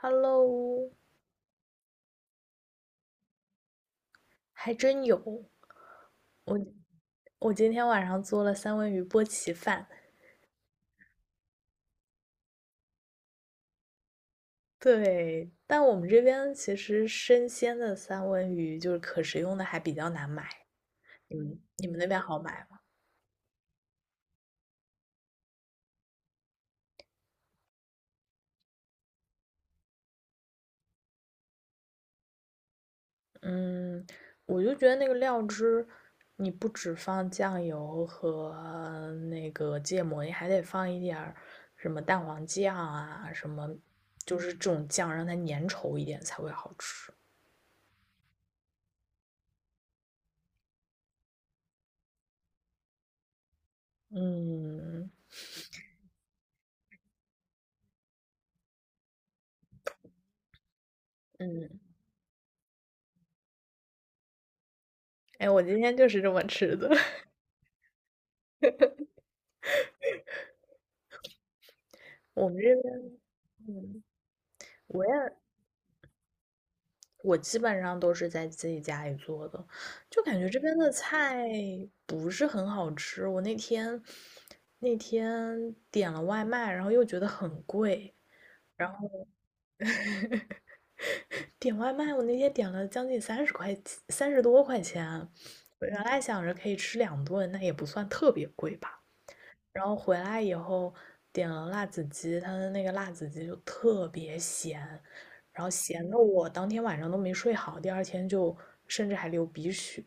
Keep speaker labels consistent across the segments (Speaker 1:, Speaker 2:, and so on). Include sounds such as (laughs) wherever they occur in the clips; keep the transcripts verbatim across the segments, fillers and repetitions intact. Speaker 1: Hello，还真有。我我今天晚上做了三文鱼波奇饭，对，但我们这边其实生鲜的三文鱼就是可食用的还比较难买。你们你们那边好买吗？嗯，我就觉得那个料汁，你不只放酱油和那个芥末，你还得放一点儿什么蛋黄酱啊，什么就是这种酱，让它粘稠一点才会好吃。嗯嗯。嗯哎，我今天就是这么吃的。(laughs) 我们这边，嗯，我也我基本上都是在自己家里做的，就感觉这边的菜不是很好吃。我那天那天点了外卖，然后又觉得很贵，然后点外卖，我那天点了将近三十块，三十多块钱。我原来想着可以吃两顿，那也不算特别贵吧。然后回来以后点了辣子鸡，它的那个辣子鸡就特别咸，然后咸的我当天晚上都没睡好，第二天就甚至还流鼻血，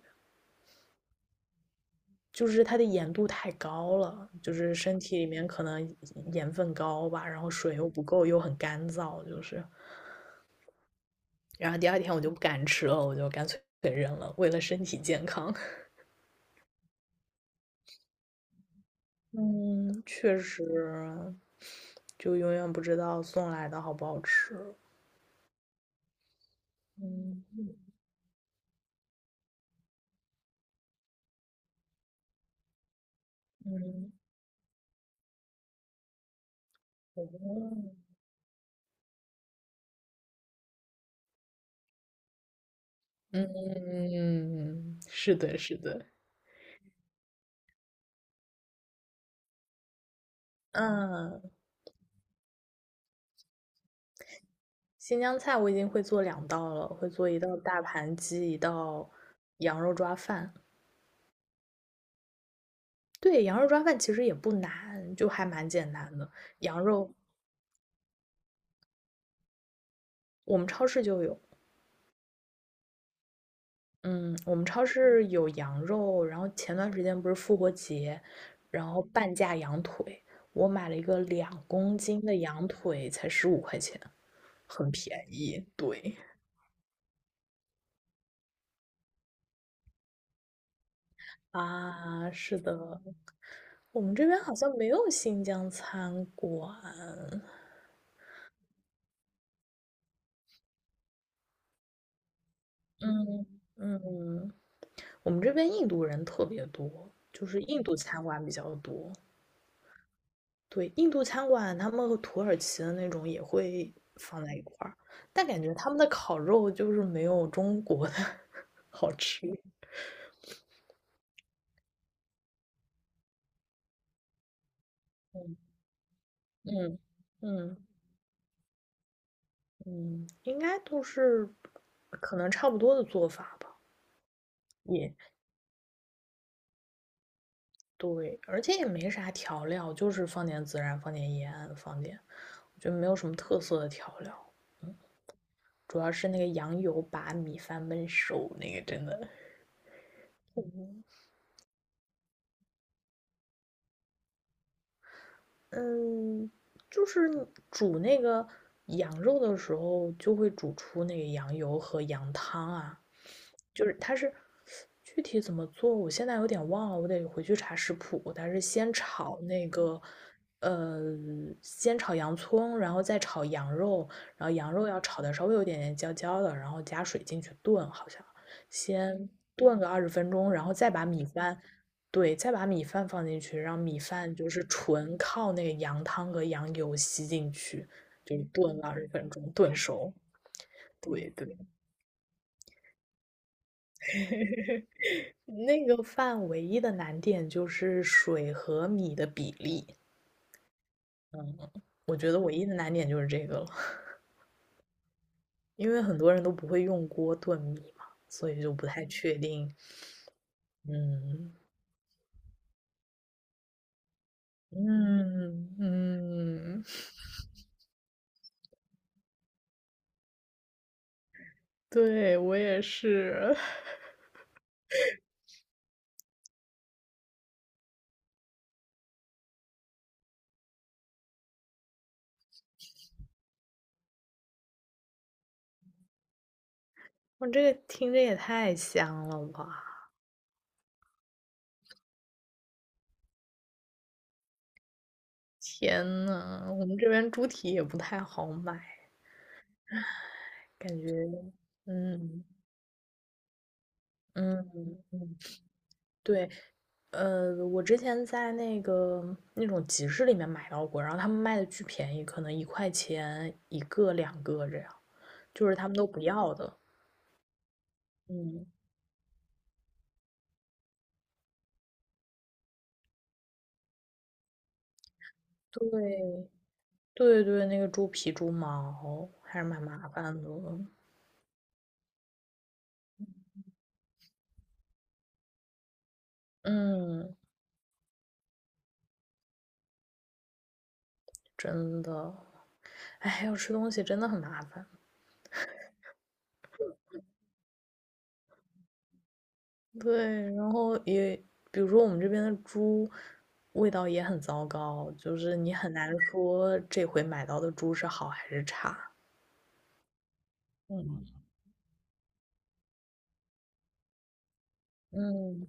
Speaker 1: 就是它的盐度太高了，就是身体里面可能盐分高吧，然后水又不够，又很干燥，就是，然后第二天我就不敢吃了，我就干脆给扔了，为了身体健康。(laughs) 嗯，确实，就永远不知道送来的好不好吃。嗯嗯。嗯嗯嗯，是的，是的。嗯，新疆菜我已经会做两道了，会做一道大盘鸡，一道羊肉抓饭。对，羊肉抓饭其实也不难，就还蛮简单的。羊肉我们超市就有，嗯，我们超市有羊肉，然后前段时间不是复活节，然后半价羊腿，我买了一个两公斤的羊腿，才十五块钱，很便宜。对，啊，是的，我们这边好像没有新疆餐馆。嗯嗯，我们这边印度人特别多，就是印度餐馆比较多。对，印度餐馆他们和土耳其的那种也会放在一块儿，但感觉他们的烤肉就是没有中国的 (laughs) 好吃。嗯嗯嗯嗯，应该都是可能差不多的做法吧。也。对，而且也没啥调料，就是放点孜然，放点盐，放点，就没有什么特色的调料，主要是那个羊油把米饭焖熟，那个真的，嗯，就是煮那个羊肉的时候，就会煮出那个羊油和羊汤啊，就是它是具体怎么做，我现在有点忘了，我得回去查食谱。它是先炒那个，呃，先炒洋葱，然后再炒羊肉，然后羊肉要炒的稍微有点点焦焦的，然后加水进去炖，好像先炖个二十分钟，然后再把米饭，对，再把米饭放进去，让米饭就是纯靠那个羊汤和羊油吸进去，就炖二十分钟，炖熟。对对。(laughs) 那个饭唯一的难点就是水和米的比例，我觉得唯一的难点就是这个了，(laughs) 因为很多人都不会用锅炖米嘛，所以就不太确定。嗯嗯嗯，对，我也是，(laughs) 我这个听着也太香了吧！天呐，我们这边猪蹄也不太好买，感觉，嗯嗯嗯，对。呃，我之前在那个那种集市里面买到过，然后他们卖的巨便宜，可能一块钱一个、两个这样，就是他们都不要的。嗯，对，对对，那个猪皮、猪毛还是蛮麻烦的。嗯，真的，哎，要吃东西真的很麻烦。对，然后也，比如说我们这边的猪味道也很糟糕，就是你很难说这回买到的猪是好还是差。嗯嗯，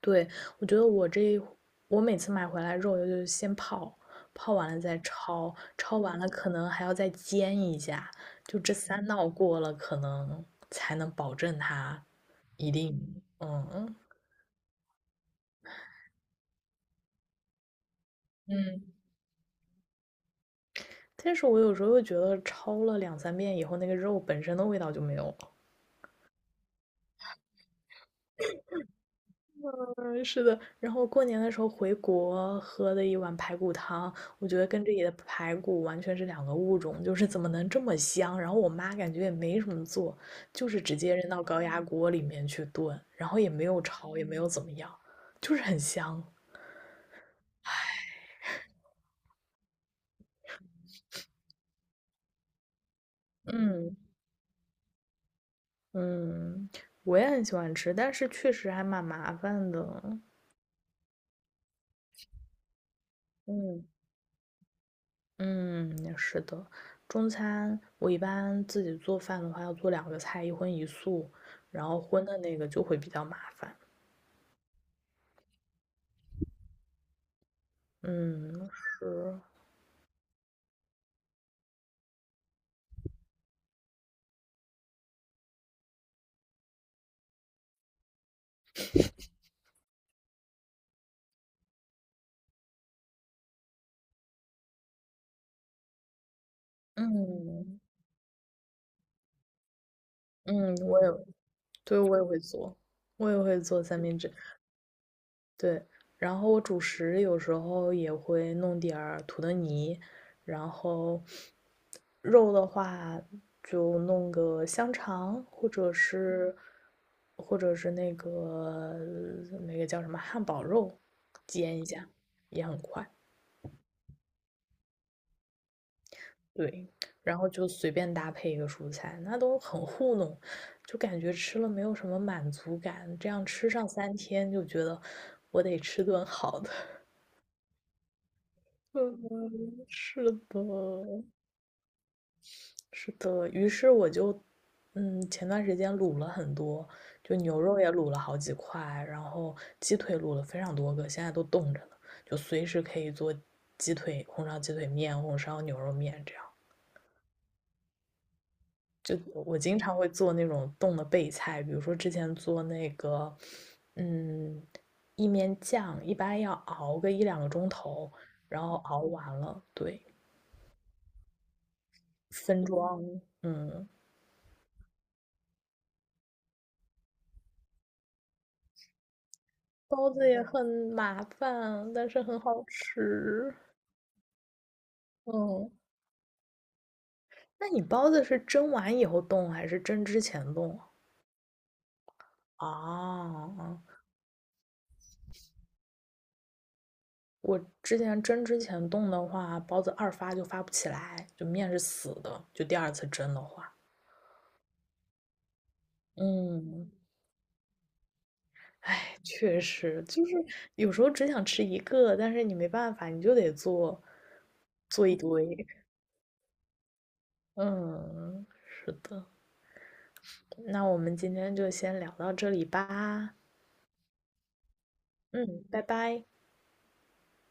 Speaker 1: 对，我觉得我这一我每次买回来肉就是先泡，泡完了再焯，焯完了可能还要再煎一下，就这三道过了，可能才能保证它一定，嗯嗯。但是我有时候又觉得焯了两三遍以后，那个肉本身的味道就没有了。嗯，是的。然后过年的时候回国喝的一碗排骨汤，我觉得跟这里的排骨完全是两个物种，就是怎么能这么香？然后我妈感觉也没什么做，就是直接扔到高压锅里面去炖，然后也没有炒，也没有怎么样，就是很香。嗯嗯，我也很喜欢吃，但是确实还蛮麻烦的。嗯。嗯，是的，中餐我一般自己做饭的话，要做两个菜，一荤一素，然后荤的那个就会比较麻烦。嗯，是，嗯嗯，我也，对，我也会做，我也会做三明治。对，然后我主食有时候也会弄点儿土豆泥，然后肉的话就弄个香肠，或者是或者是那个那个叫什么汉堡肉，煎一下也很快。对，然后就随便搭配一个蔬菜，那都很糊弄，就感觉吃了没有什么满足感，这样吃上三天就觉得我得吃顿好的。嗯，是的，是的。于是我就，嗯，前段时间卤了很多，就牛肉也卤了好几块，然后鸡腿卤了非常多个，现在都冻着呢，就随时可以做鸡腿、红烧鸡腿面、红烧牛肉面这样。就我经常会做那种冻的备菜，比如说之前做那个，嗯，意面酱，一般要熬个一两个钟头，然后熬完了，对，分装，嗯。包子也很麻烦，但是很好吃。嗯，那你包子是蒸完以后冻还是蒸之前冻啊？啊我之前蒸之前冻的话，包子二发就发不起来，就面是死的，就第二次蒸的话。嗯，哎，确实，就是有时候只想吃一个，但是你没办法，你就得做做一堆。嗯，是的。那我们今天就先聊到这里吧。嗯，拜拜。